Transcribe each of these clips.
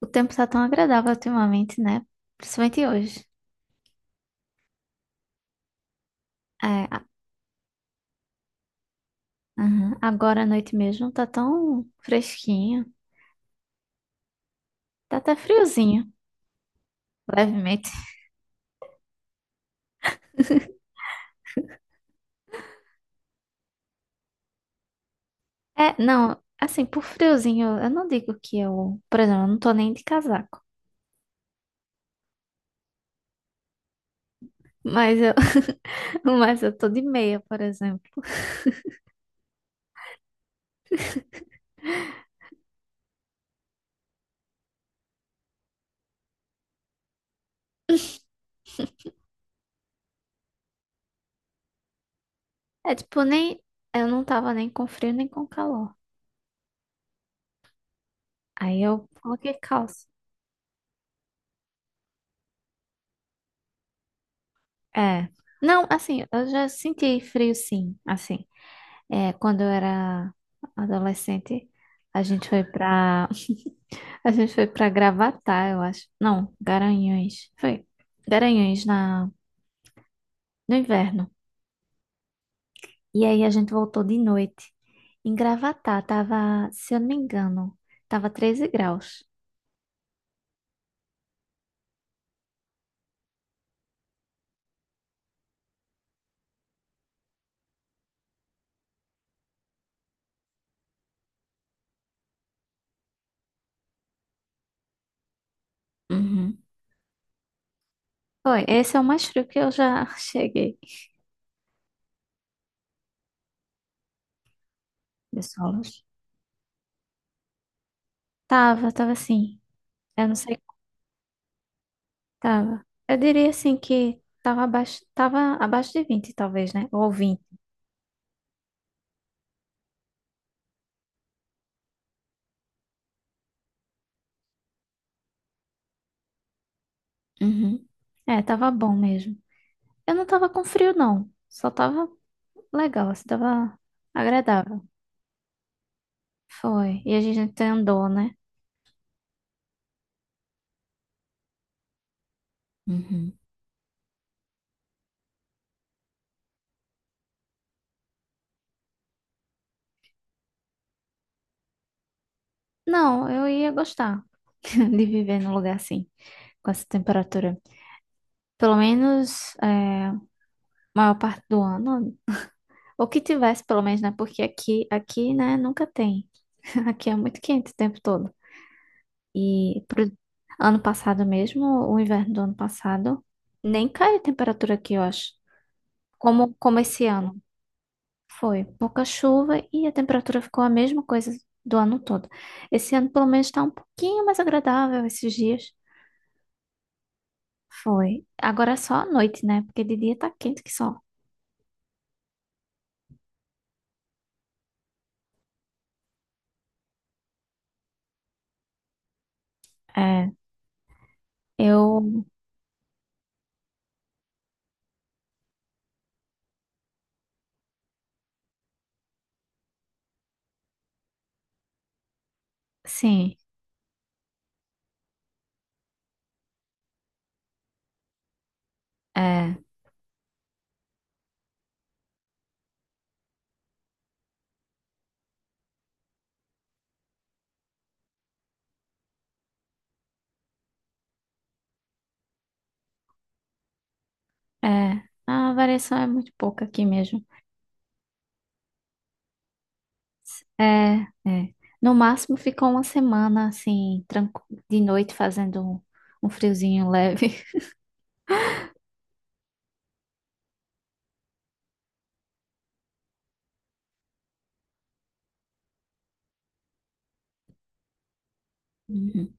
O tempo tá tão agradável ultimamente, né? Principalmente hoje. É, a- aham. Agora à noite mesmo tá tão fresquinho. Tá até friozinho, levemente. É, não, assim, por friozinho, eu não digo que eu, por exemplo, eu não tô nem de casaco. Mas eu, mas eu tô de meia, por exemplo. É tipo, nem, eu não tava nem com frio nem com calor. Aí eu coloquei calça. É. Não, assim, eu já senti frio sim, assim. É, quando eu era adolescente, a gente foi pra a gente foi para Gravatá, eu acho. Não, Garanhuns. Foi Garanhuns na no inverno. E aí a gente voltou de noite. Em Gravatá tava, se eu não me engano, tava 13 graus. Uhum. Foi, esse é o mais frio que eu já cheguei de solos. Tava assim. Eu não sei, tava. Eu diria assim que tava abaixo de 20 talvez, né? Ou 20. Uhum. É, tava bom mesmo. Eu não tava com frio, não. Só tava legal, assim, tava agradável. Foi. E a gente andou, né? Uhum. Não, eu ia gostar de viver num lugar assim, com essa temperatura. Pelo menos, é, maior parte do ano. Ou que tivesse, pelo menos, né? Porque aqui, né, nunca tem. Aqui é muito quente o tempo todo. E pro ano passado mesmo, o inverno do ano passado, nem cai a temperatura aqui, eu acho. Como esse ano. Foi pouca chuva e a temperatura ficou a mesma coisa do ano todo. Esse ano, pelo menos, está um pouquinho mais agradável esses dias. Foi. Agora é só à noite, né? Porque de dia tá quente que só. É, eu, sim, é, é. A variação é muito pouca aqui mesmo. É, é. No máximo ficou uma semana assim, tranqu... de noite fazendo um, um friozinho leve. Uhum.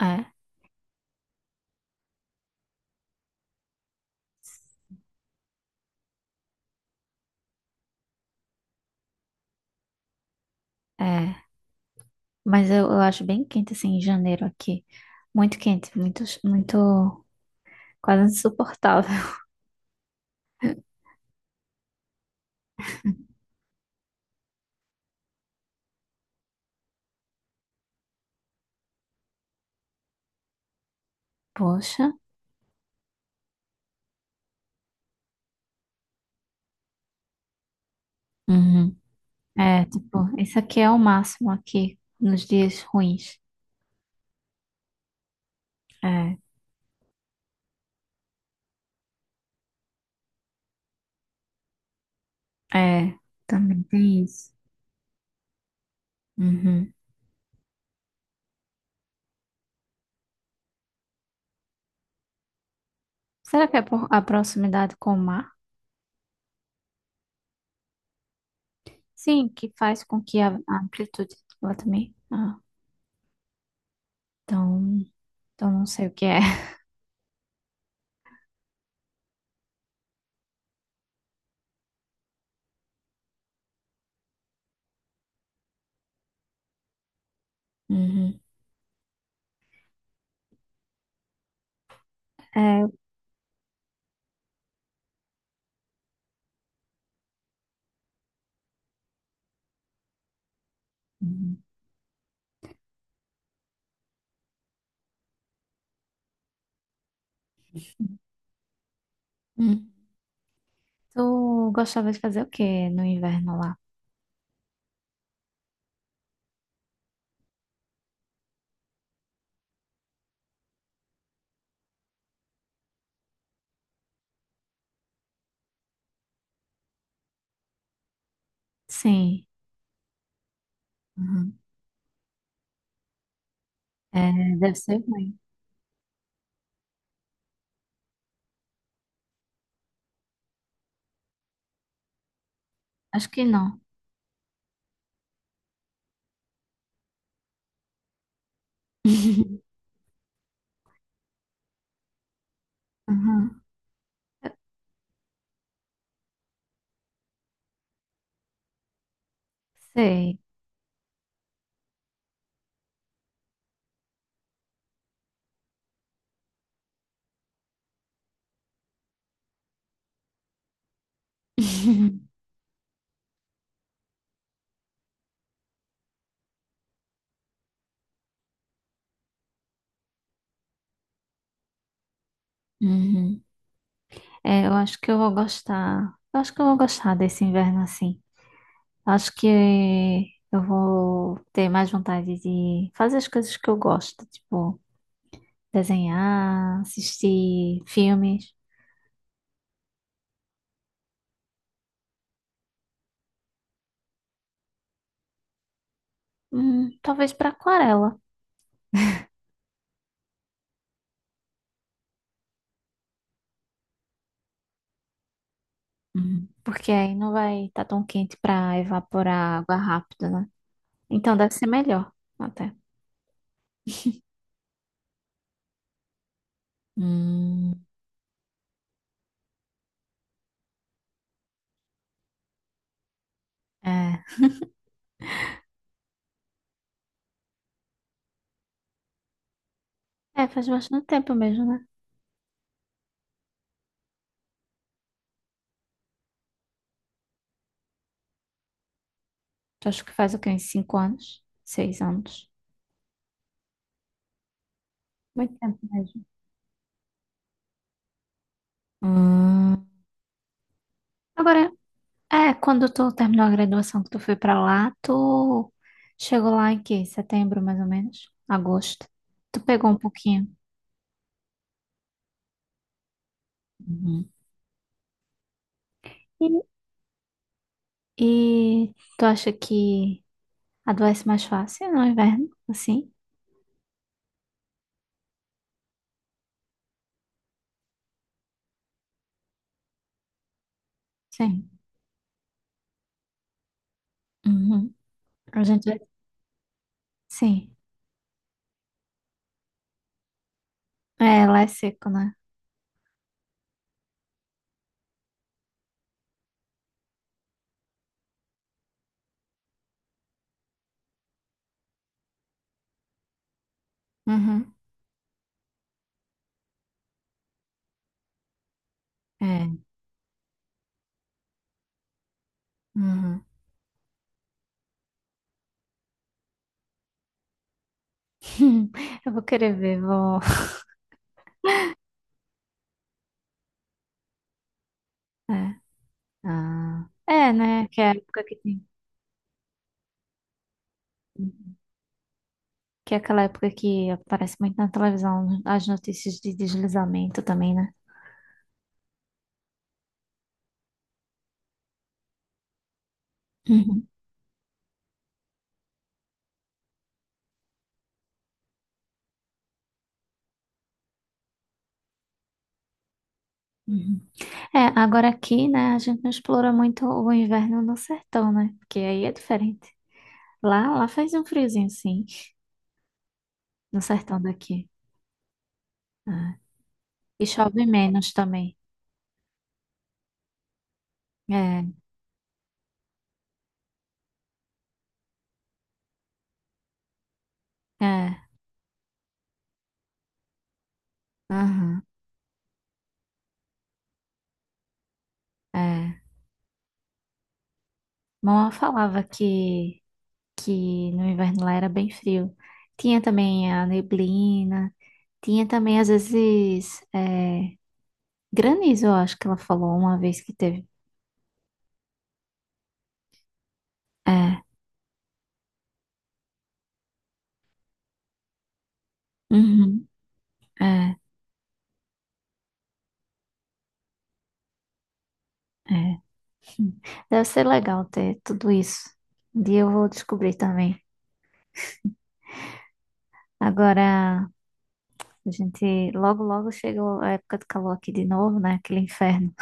É, é. Mas eu acho bem quente, assim, em janeiro aqui. Muito quente, muito, muito, quase insuportável. Poxa. Uhum. É, tipo, isso aqui é o máximo aqui nos dias ruins. É, é, também tem isso. Uhum. Será que é por a proximidade com o mar? Sim, que faz com que a amplitude lá também. Ah, então, não sei o que é. Uhum. É, uhum. Hum. Tu gostava de fazer o que no inverno lá? Sim. É, deve ser ruim. Acho que não. Uhum. Sei. Uhum. É, eu acho que eu vou gostar. Eu acho que eu vou gostar desse inverno assim. Acho que eu vou ter mais vontade de fazer as coisas que eu gosto, tipo desenhar, assistir filmes. Talvez para aquarela. Porque aí não vai estar tão quente para evaporar água rápido, né? Então deve ser melhor até. Hum, é. É, faz bastante tempo mesmo, né? Acho que faz o quê? Uns 5 anos? 6 anos? Muito tempo mesmo. Hum. Agora, é, quando tu terminou a graduação que tu foi pra lá, tu chegou lá em que? Setembro, mais ou menos? Agosto? Tu pegou um pouquinho. Uhum. E tu acha que adoece mais fácil no inverno? Assim? Sim. Uhum. A gente vai... Sim. É, lá é seco, né? Uhum. É. Uhum. Eu vou querer ver, vou... É. Ah. É, né? Que é a época que tem. Que é aquela época que aparece muito na televisão as notícias de deslizamento também, né? Uhum, uhum. É, agora aqui, né, a gente não explora muito o inverno no sertão, né? Porque aí é diferente. Lá faz um friozinho, sim, no sertão daqui. É. E chove menos também. É, é, aham, é. Mamãe falava que no inverno lá era bem frio. Tinha também a neblina, tinha também às vezes granizo, eu acho que ela falou uma vez que teve. É, uhum, é, é. Deve ser legal ter tudo isso. Um dia eu vou descobrir também. Agora, a gente logo, logo chegou a época do calor aqui de novo, né? Aquele inferno.